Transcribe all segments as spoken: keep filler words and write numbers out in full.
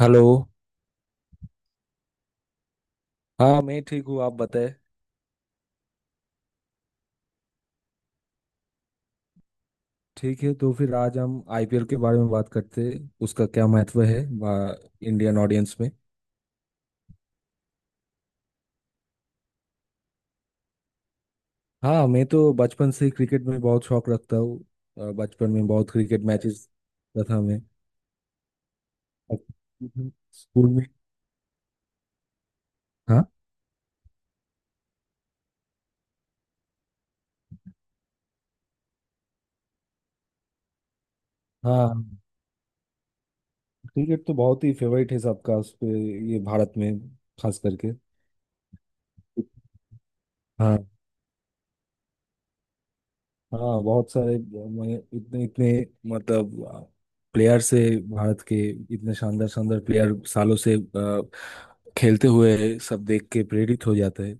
Hello. हाँ, मैं ठीक हूँ, आप बताएं। ठीक है, तो फिर आज हम आईपीएल के बारे में बात करते हैं, उसका क्या महत्व है आ, इंडियन ऑडियंस में। हाँ, मैं तो बचपन से ही क्रिकेट में बहुत शौक रखता हूँ। आ, बचपन में बहुत क्रिकेट मैचेस देखता था मैं। अब स्कूल में। हाँ, हाँ, क्रिकेट तो बहुत ही फेवरेट है सबका उस पे। ये भारत में, खास करके। हाँ, हाँ, बहुत सारे। मैं इतने इतने, मतलब, प्लेयर से, भारत के इतने शानदार शानदार प्लेयर सालों से अ, खेलते हुए सब देख के प्रेरित हो जाते हैं।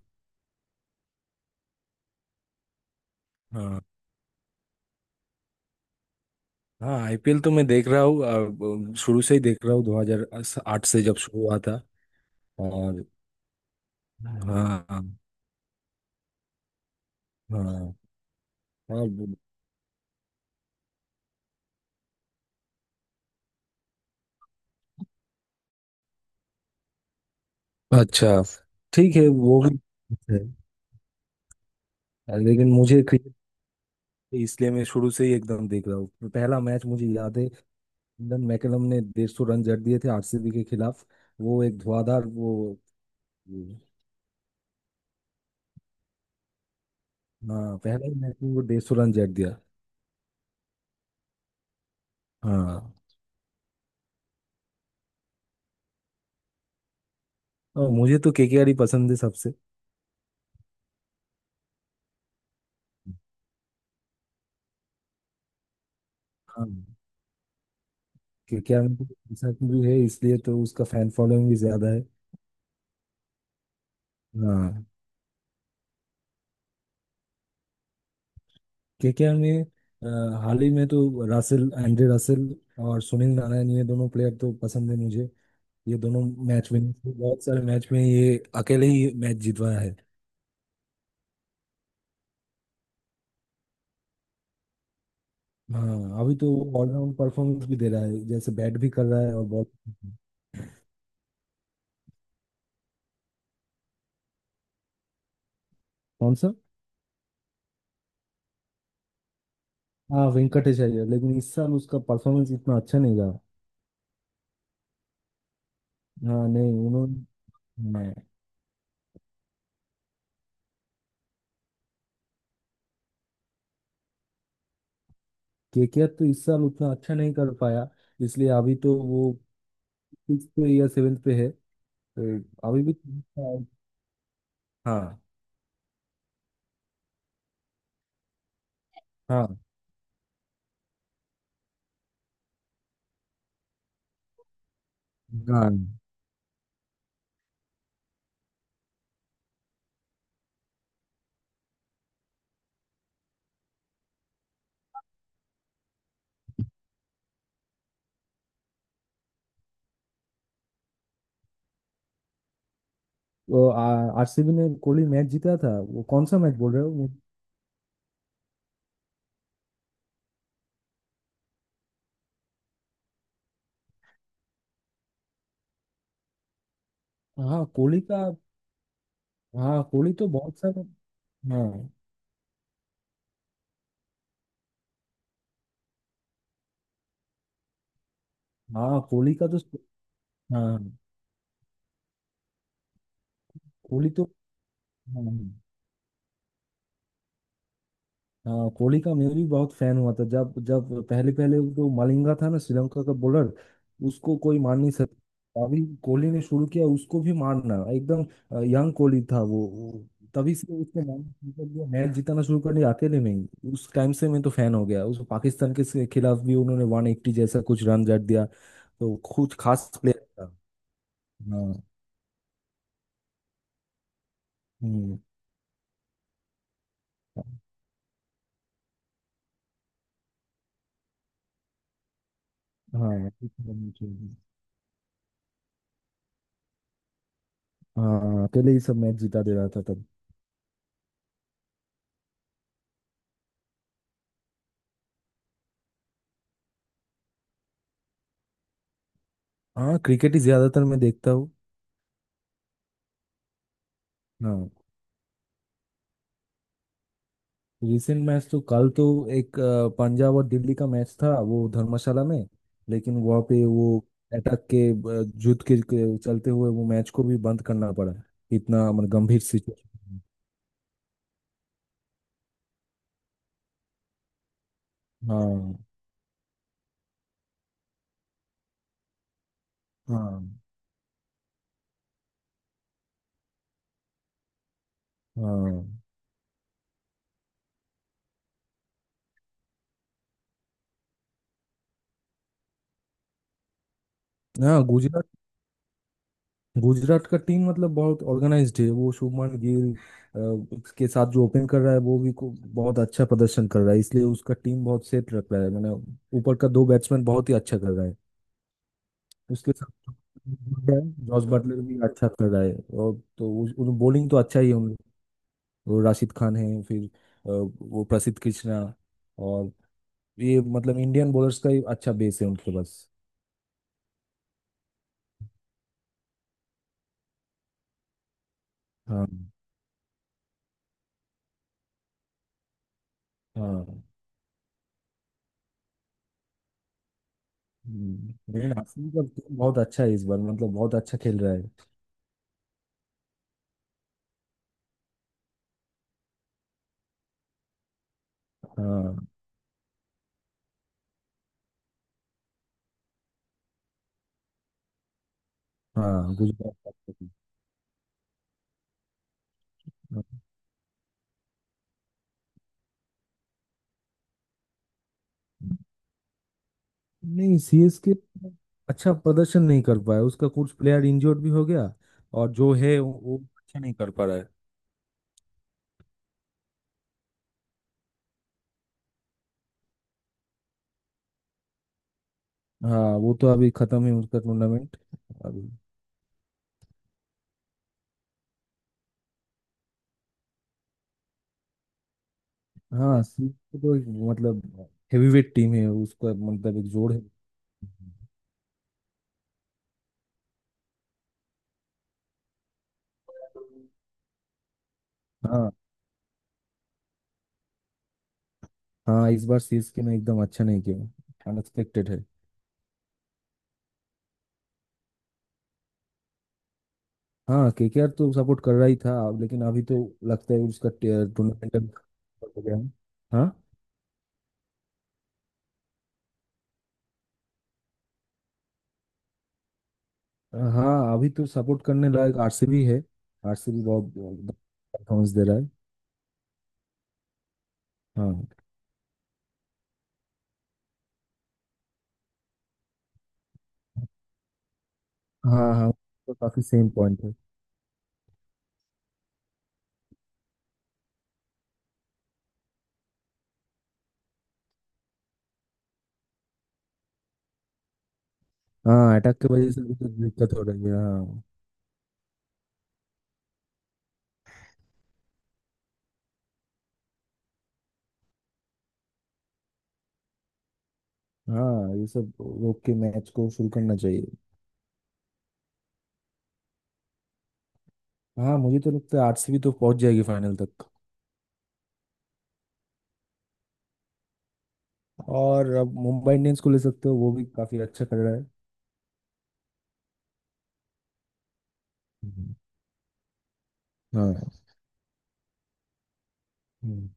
हाँ, हाँ, आईपीएल तो मैं देख रहा हूँ, अ, शुरू से ही देख रहा हूँ दो हज़ार आठ से जब शुरू हुआ था, और। हाँ, हाँ, हाँ। और- अच्छा, ठीक है, वो भी ठीक है। लेकिन मुझे क्रिकेट इसलिए मैं शुरू से ही एकदम देख रहा हूँ, पहला मैच मुझे याद है। ईडन मैकलम ने डेढ़ सौ रन जड़ दिए थे आरसीबी के खिलाफ, वो एक धुआंधार वो वो- हाँ, पहले ही मैच में वो डेढ़ सौ रन जड़ दिया। हाँ, और मुझे तो केकेआर ही पसंद है सबसे। हाँ, केकेआर में तो ऐसा भी है, इसलिए तो उसका फैन फॉलोइंग भी ज्यादा है। हाँ, केकेआर में अ, हाल ही में तो रासेल, एंड्रे रासेल और सुनील नारायण, ये दोनों प्लेयर तो पसंद है मुझे। ये दोनों मैच विनर्स, बहुत सारे मैच में ये अकेले ही मैच जितवाया है। हाँ, अभी तो वो ऑलराउंड परफॉर्मेंस भी दे रहा है, जैसे बैट भी कर रहा है और बॉल। कौन सा? हाँ, वेंकटेश अय्यर, लेकिन इस साल उसका परफॉर्मेंस इतना अच्छा नहीं रहा। हाँ, नहीं, उन्होंने। केकेआर तो इस साल उतना अच्छा नहीं कर पाया, इसलिए अभी तो वो सिक्स पे या सेवेंथ पे है, तो अभी भी ठीक है। हाँ, हाँ, हाँ, वो आरसीबी ने कोहली मैच जीता था, वो कौन सा मैच बोल रहे हो वो- हाँ, कोहली का। हाँ, कोहली तो बहुत सारा। हाँ, हाँ, कोहली का तो। हाँ, कोहली तो। हाँ, हाँ, कोहली का मैं भी बहुत फैन हुआ था, जब जब पहले पहले जो मलिंगा था ना, श्रीलंका का बॉलर, उसको कोई मार नहीं सकता अभी। कोहली ने शुरू किया उसको भी मारना एकदम, यंग कोहली था वो वो तभी से उसने मैच जिताना शुरू कर दिया अकेले, नहीं उस टाइम से मैं तो फैन हो गया, उस पाकिस्तान के से- खिलाफ भी उन्होंने वन एट्टी जैसा कुछ रन जड़ दिया, तो कुछ खास प्लेयर था। हाँ। हम्म, हाँ, हाँ, अकेले ही सब मैच जिता दे रहा था तब। हाँ, क्रिकेट ही ज्यादातर मैं देखता हूँ। हाँ, रिसेंट मैच तो कल तो एक अ, पंजाब और दिल्ली का मैच था वो धर्मशाला में। लेकिन वहाँ पे वो अटैक के अ, युद्ध के, के चलते हुए वो मैच को भी बंद करना पड़ा, इतना मतलब गंभीर सिचुएशन। हाँ, हाँ, हाँ। हाँ, गुजरात, गुजरात का टीम मतलब बहुत ऑर्गेनाइज्ड है, वो शुभमन गिल अ, के साथ जो ओपन कर रहा है वो भी को बहुत अच्छा प्रदर्शन कर रहा है, इसलिए उसका टीम बहुत सेट रख रहा है। मैंने ऊपर का दो बैट्समैन बहुत ही अच्छा कर रहा है, उसके साथ जॉस बटलर भी अच्छा कर रहा है, और तो उस, उन बॉलिंग तो अच्छा ही है, उन वो राशिद खान है, फिर अ, वो प्रसिद्ध कृष्णा और ये मतलब इंडियन बॉलर्स का ही अच्छा बेस है उनके पास। हाँ, हाँ, हम्म, लेकिन आसिफ का team बहुत अच्छा है इस बार, मतलब बहुत अच्छा खेल रहा है। हाँ, हाँ, गुजरात कैपिटल। नहीं, सीएसके अच्छा प्रदर्शन नहीं कर पाया, उसका कुछ प्लेयर इंजर्ड भी हो गया, और जो है वो, वो अच्छा नहीं कर पा रहा है। हाँ, वो तो अभी खत्म है उसका टूर्नामेंट, अभी। हाँ, सीएसके तो एक, मतलब, हेवीवेट टीम है, उसका मतलब एक जोड़ है। हाँ, हाँ, इस बार सीएसके ने एकदम अच्छा नहीं किया, अनएक्सपेक्टेड है। हाँ, केकेआर तो सपोर्ट कर रहा ही था, लेकिन अभी तो लगता है उसका टूर्नामेंट हो गया है। हाँ, हाँ, अभी तो सपोर्ट करने लायक आरसीबी है, आरसीबी बहुत परफॉर्मेंस दे रहा है। हाँ, हाँ, हाँ, तो काफी सेम पॉइंट है। हाँ, अटैक की वजह से भी तो दिक्कत हो रही है। हाँ, हाँ, ये सब रोक के मैच को शुरू करना चाहिए। हाँ, मुझे तो लगता है आरसीबी तो पहुंच जाएगी फाइनल तक, और अब मुंबई इंडियंस को ले सकते हो, वो भी काफी अच्छा कर रहा है। हम्म। हाँ। हम्म।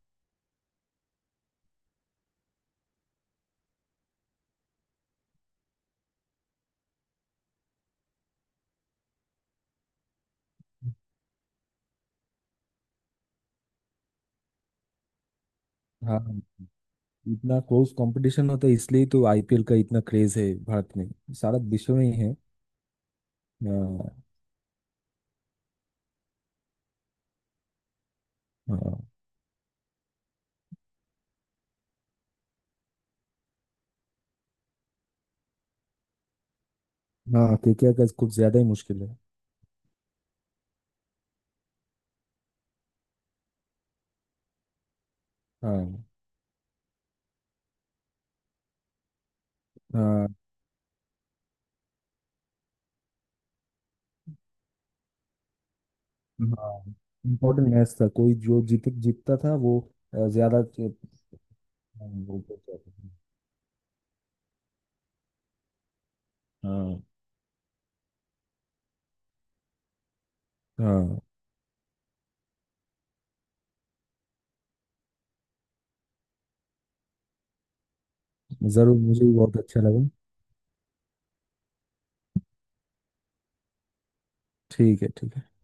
हाँ, इतना क्लोज कंपटीशन होता है, इसलिए तो आईपीएल का इतना क्रेज है भारत में, सारा विश्व में ही है। हाँ, हाँ। हाँ, केकेआर का कुछ ज्यादा ही मुश्किल है। हाँ, हाँ, हाँ, इम्पोर्टेंट मैच था, कोई जो जीत जीतता था वो अ, ज्यादा चे- हाँ, वो ऊपर जाता था। हाँ, हाँ, जरूर, मुझे भी बहुत अच्छा लगा। ठीक है, ठीक है।